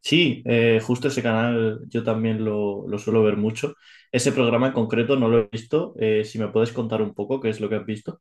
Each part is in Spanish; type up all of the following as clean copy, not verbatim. Sí, justo ese canal yo también lo suelo ver mucho. Ese programa en concreto no lo he visto. Si me puedes contar un poco qué es lo que has visto.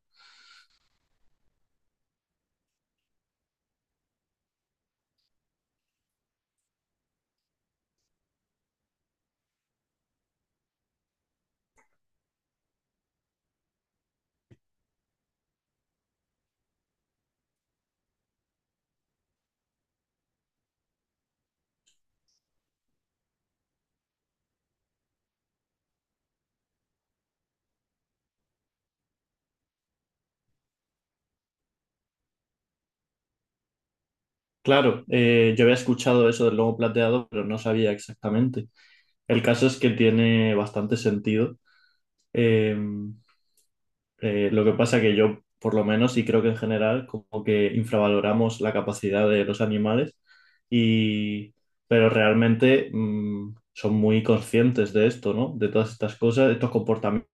Claro, yo había escuchado eso del lomo plateado, pero no sabía exactamente. El caso es que tiene bastante sentido. Eh, lo que pasa que yo, por lo menos, y creo que en general, como que infravaloramos la capacidad de los animales, y, pero realmente son muy conscientes de esto, ¿no? De todas estas cosas, de estos comportamientos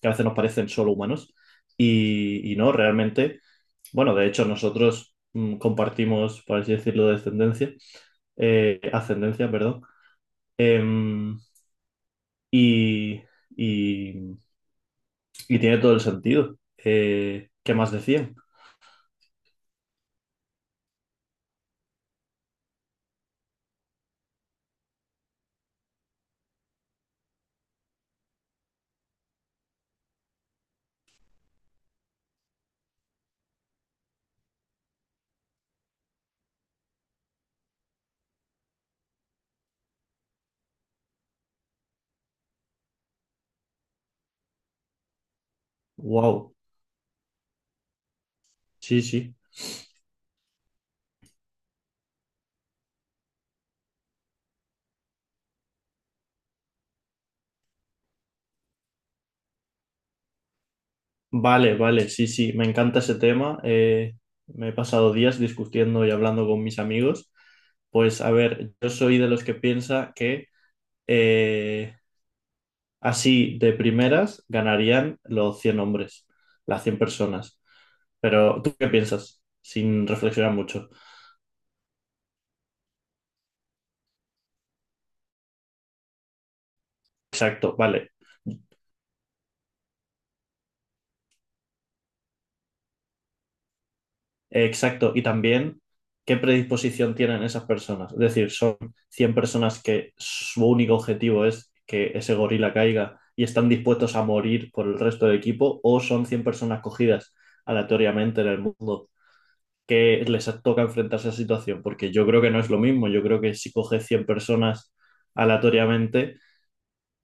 que a veces nos parecen solo humanos y no, realmente, bueno, de hecho nosotros compartimos, por así decirlo, descendencia, ascendencia, perdón, em, y, y- y tiene todo el sentido. ¿Qué más decían? Wow, sí, sí. Vale, vale, sí, sí, me encanta ese tema. Me he pasado días discutiendo y hablando con mis amigos. Pues a ver, yo soy de los que piensa que eh, así, de primeras, ganarían los 100 hombres, las 100 personas. Pero, ¿tú qué piensas? Sin reflexionar mucho. Exacto, vale. Exacto. Y también, ¿qué predisposición tienen esas personas? Es decir, son 100 personas que su único objetivo es que ese gorila caiga y están dispuestos a morir por el resto del equipo, o son 100 personas cogidas aleatoriamente en el mundo que les toca enfrentarse a esa situación, porque yo creo que no es lo mismo, yo creo que si coges 100 personas aleatoriamente,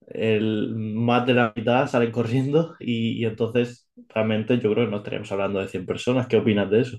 el, más de la mitad salen corriendo y entonces realmente yo creo que no estaríamos hablando de cien personas, ¿qué opinas de eso?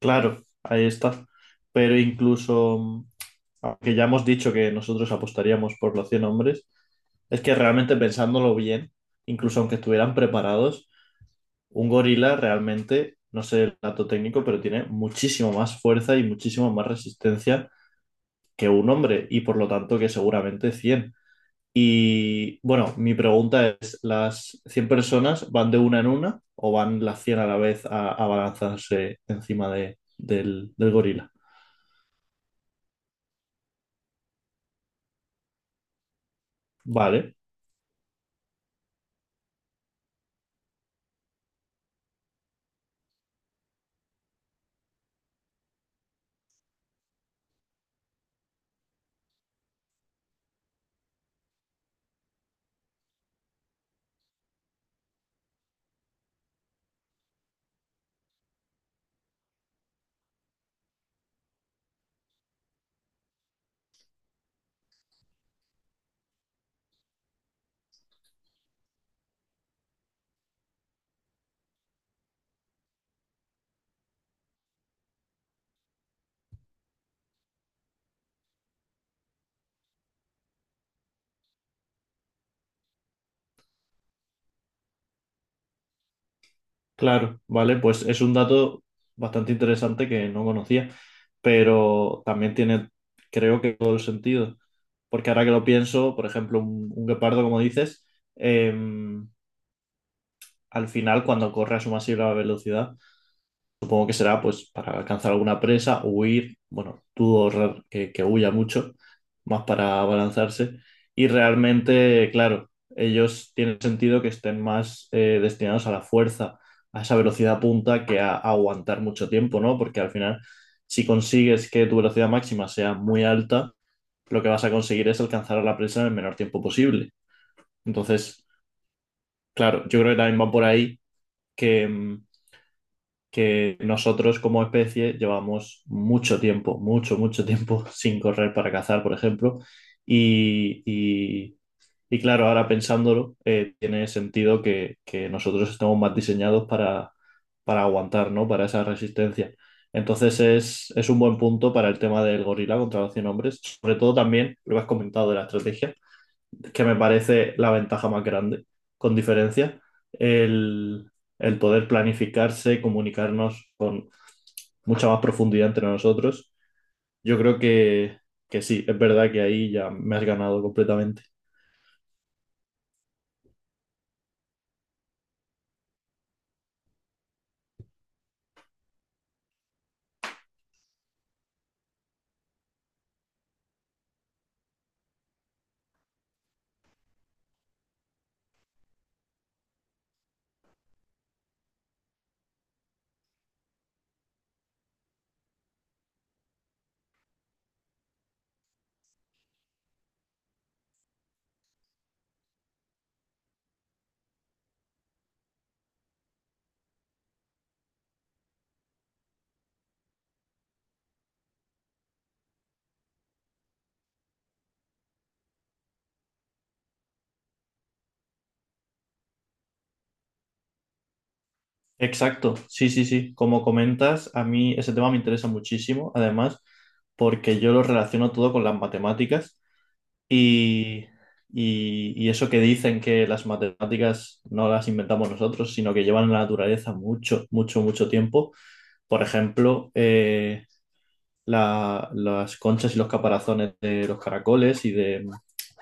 Claro, ahí está, pero incluso, aunque ya hemos dicho que nosotros apostaríamos por los 100 hombres, es que realmente pensándolo bien, incluso aunque estuvieran preparados, un gorila realmente, no sé el dato técnico, pero tiene muchísimo más fuerza y muchísimo más resistencia que un hombre y por lo tanto que seguramente 100. Y bueno, mi pregunta es, ¿las 100 personas van de una en una o van las 100 a la vez a abalanzarse encima del gorila? Vale. Claro, vale, pues es un dato bastante interesante que no conocía, pero también tiene, creo que todo el sentido, porque ahora que lo pienso, por ejemplo, un guepardo, como dices, em, al final cuando corre a su masiva velocidad, supongo que será pues para alcanzar alguna presa, huir, bueno, que huya mucho, más para abalanzarse. Y realmente, claro, ellos tienen sentido que estén más destinados a la fuerza, a esa velocidad punta que a aguantar mucho tiempo, ¿no? Porque al final, si consigues que tu velocidad máxima sea muy alta, lo que vas a conseguir es alcanzar a la presa en el menor tiempo posible. Entonces, claro, yo creo que también va por ahí que... mm, que nosotros como especie llevamos mucho tiempo, mucho, mucho tiempo sin correr para cazar, por ejemplo. Y, y- y claro, ahora pensándolo, tiene sentido que nosotros estamos más diseñados para aguantar, ¿no? Para esa resistencia. Entonces es un buen punto para el tema del gorila contra los 100 hombres, sobre todo también, lo has comentado de la estrategia, que me parece la ventaja más grande, con diferencia, el, el poder planificarse, comunicarnos con mucha más profundidad entre nosotros. Yo creo que sí, es verdad que ahí ya me has ganado completamente. Exacto, sí, sí, sí. Como comentas, a mí ese tema me interesa muchísimo, además, porque yo lo relaciono todo con las matemáticas. Y, y eso que dicen que las matemáticas no las inventamos nosotros, sino que llevan en la naturaleza mucho, mucho, mucho tiempo. Por ejemplo, las conchas y los caparazones de los caracoles y de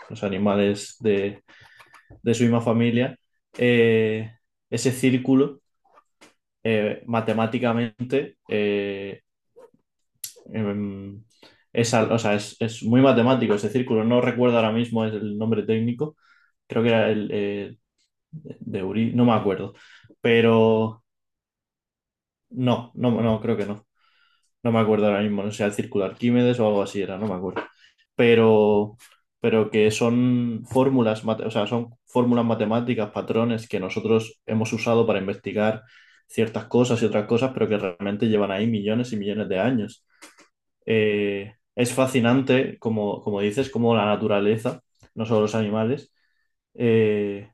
los animales de su misma familia, eh, ese círculo matemáticamente em, o sea, es muy matemático ese círculo. No recuerdo ahora mismo el nombre técnico. Creo que era el de Uri, no me acuerdo. Pero no, no, no, creo que no. No me acuerdo ahora mismo. No sé, el círculo de Arquímedes o algo así era, no me acuerdo. Pero, pero que son fórmulas, o sea, son fórmulas matemáticas, patrones que nosotros hemos usado para investigar ciertas cosas y otras cosas, pero que realmente llevan ahí millones y millones de años. Es fascinante, como, como dices, cómo la naturaleza, no solo los animales, eh,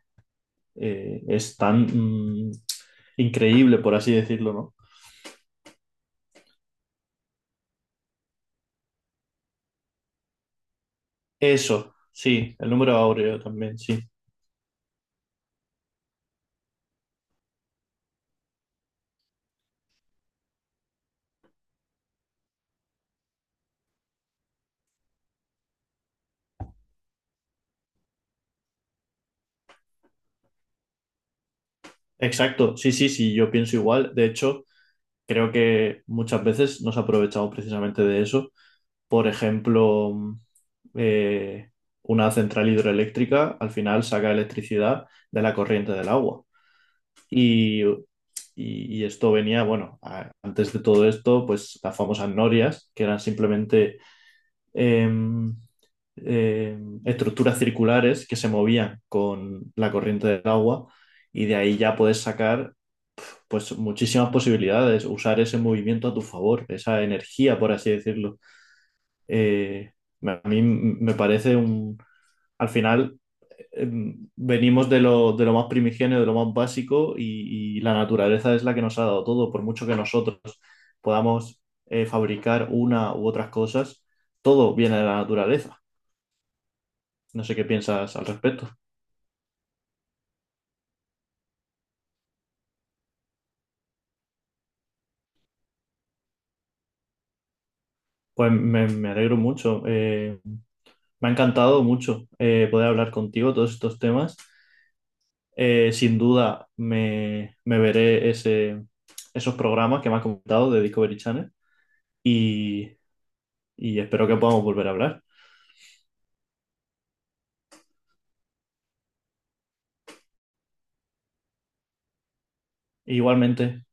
es tan mm, increíble, por así decirlo, ¿no? Eso, sí, el número áureo también, sí. Exacto, sí, sí, sí, yo pienso igual. De hecho, creo que muchas veces nos aprovechamos precisamente de eso. Por ejemplo, eh, una central hidroeléctrica al final saca electricidad de la corriente del agua. Y, y esto venía, bueno, antes de todo esto, pues las famosas norias, que eran simplemente em, estructuras circulares que se movían con la corriente del agua y de ahí ya puedes sacar pues muchísimas posibilidades, usar ese movimiento a tu favor, esa energía, por así decirlo. Eh, a mí me parece al final venimos de lo más primigenio, de lo más básico y la naturaleza es la que nos ha dado todo. Por mucho que nosotros podamos fabricar una u otras cosas, todo viene de la naturaleza. No sé qué piensas al respecto. Pues me alegro mucho. Me ha encantado mucho poder hablar contigo todos estos temas. Sin duda me veré esos programas que me has comentado de Discovery Channel y, y espero que podamos volver a hablar. Igualmente.